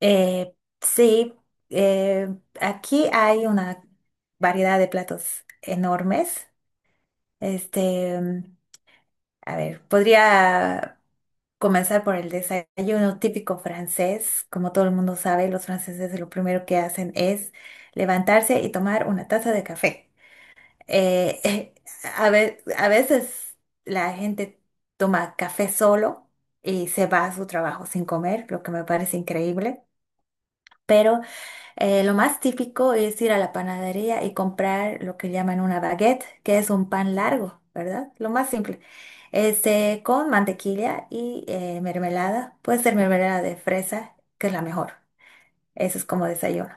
Eh, sí, eh, aquí hay una variedad de platos enormes. Este, mm, Podría comenzar por el desayuno típico francés. Como todo el mundo sabe, los franceses lo primero que hacen es levantarse y tomar una taza de café. Eh, a veces la gente toma café solo y se va a su trabajo sin comer, lo que me parece increíble. Pero lo más típico es ir a la panadería y comprar lo que llaman una baguette, que es un pan largo, ¿verdad? Lo más simple. Este, con mantequilla y mermelada. Puede ser mermelada de fresa, que es la mejor. Eso es como desayuno.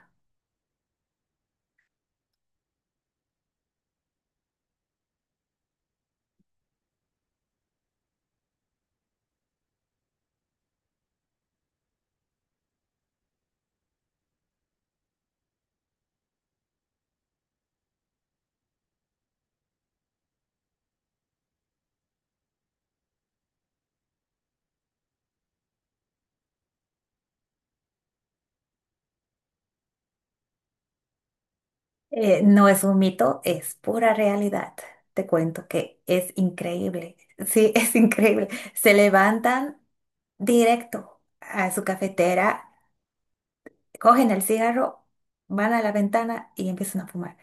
No es un mito, es pura realidad. Te cuento que es increíble. Sí, es increíble. Se levantan directo a su cafetera, cogen el cigarro, van a la ventana y empiezan a fumar.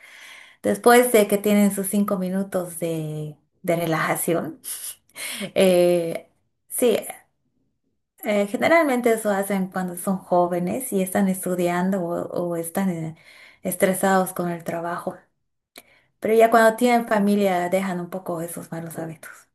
Después de que tienen sus 5 minutos de relajación. Eh, sí, generalmente eso hacen cuando son jóvenes y están estudiando o están estresados con el trabajo. Pero ya cuando tienen familia dejan un poco esos malos hábitos.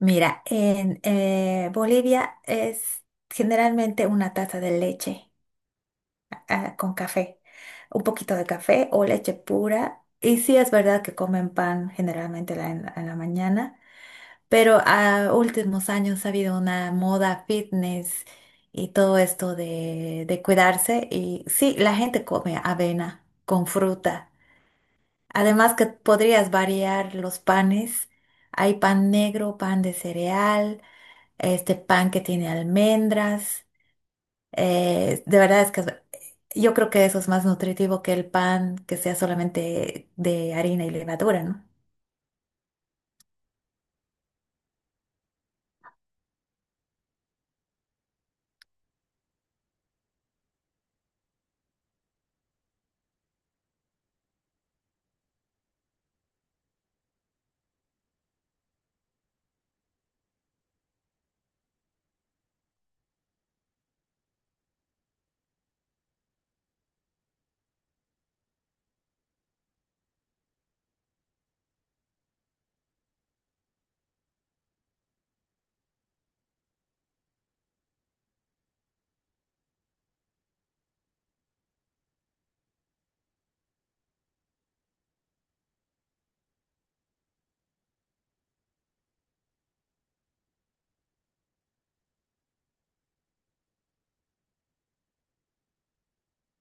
Mira, en Bolivia es generalmente una taza de leche ah, con café, un poquito de café o leche pura. Y sí es verdad que comen pan generalmente en la mañana. Pero a últimos años ha habido una moda fitness y todo esto de cuidarse. Y sí, la gente come avena con fruta. Además que podrías variar los panes. Hay pan negro, pan de cereal, este pan que tiene almendras. De verdad es que yo creo que eso es más nutritivo que el pan que sea solamente de harina y levadura, ¿no?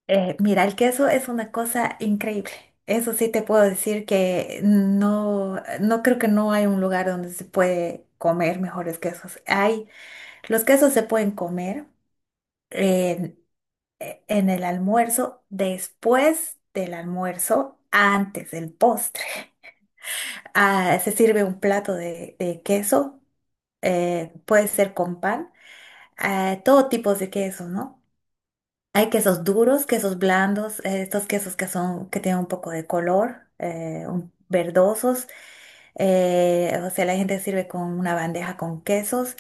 Mira, el queso es una cosa increíble. Eso sí te puedo decir que no, no creo que no hay un lugar donde se puede comer mejores quesos. Hay, los quesos se pueden comer en, en el almuerzo, después del almuerzo, antes del postre. Ah, se sirve un plato de queso, puede ser con pan, todo tipo de queso, ¿no? Hay quesos duros, quesos blandos, estos quesos que son, que tienen un poco de color, verdosos. O sea, la gente sirve con una bandeja con quesos.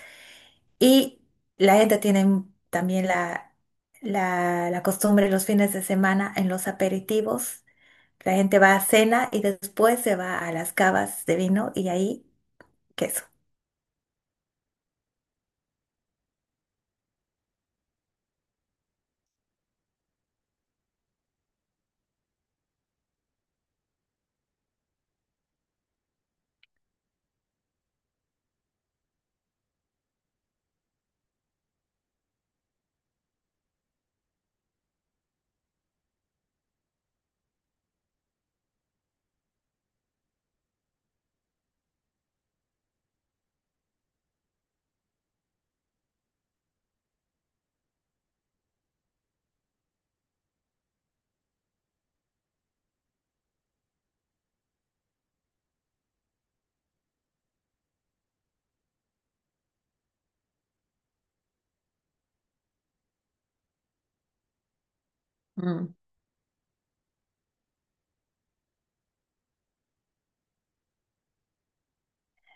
Y la gente tiene también la costumbre los fines de semana en los aperitivos. La gente va a cena y después se va a las cavas de vino y ahí queso.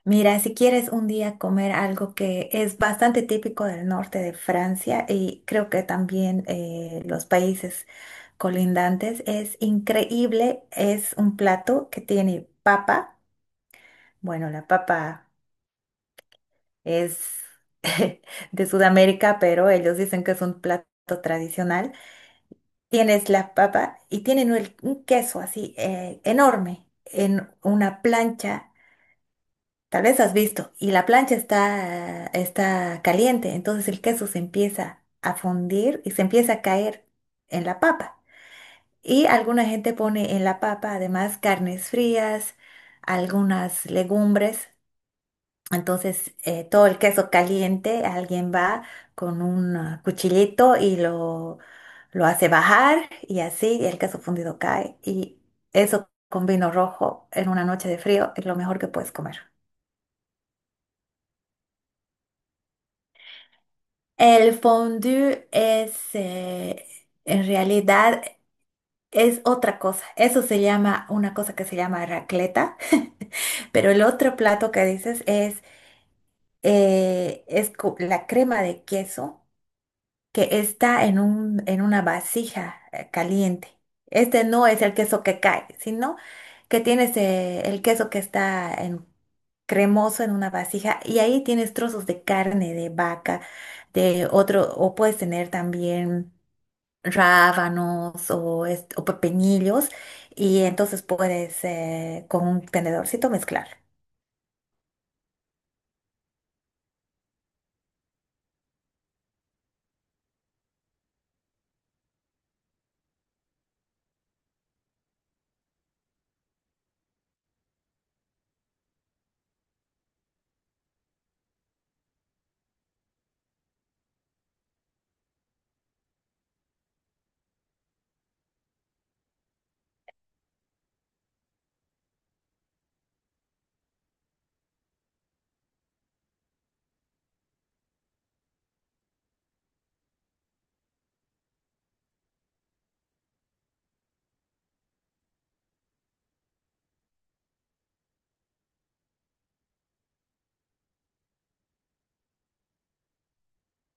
Mira, si quieres un día comer algo que es bastante típico del norte de Francia y creo que también los países colindantes, es increíble, es un plato que tiene papa. Bueno, la papa es de Sudamérica, pero ellos dicen que es un plato tradicional. Tienes la papa y tienen un queso así enorme en una plancha. Tal vez has visto, y la plancha está, está caliente, entonces el queso se empieza a fundir y se empieza a caer en la papa. Y alguna gente pone en la papa además carnes frías, algunas legumbres. Entonces todo el queso caliente, alguien va con un ah, cuchillito y lo hace bajar y así el queso fundido cae. Y eso con vino rojo en una noche de frío es lo mejor que puedes comer. El fondue es, en realidad, es otra cosa. Eso se llama, una cosa que se llama racleta, pero el otro plato que dices es, la crema de queso que está en un, en una vasija caliente. Este no es el queso que cae, sino que tienes, el queso que está en, cremoso en una vasija y ahí tienes trozos de carne de vaca, de otro, o puedes tener también rábanos o pepinillos y entonces puedes con un tenedorcito mezclar.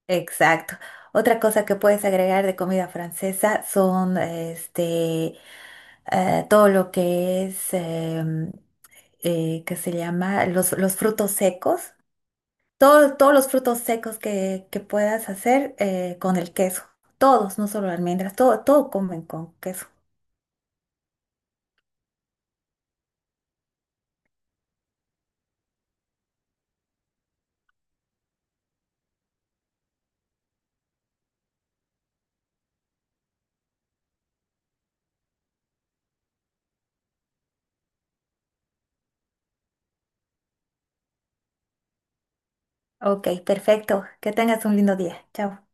Exacto. Otra cosa que puedes agregar de comida francesa son este todo lo que es em, que se llama los frutos secos. Todos los frutos secos que puedas hacer con el queso. Todos, no solo almendras, todo, todo comen con queso. Ok, perfecto. Que tengas un lindo día. Chao.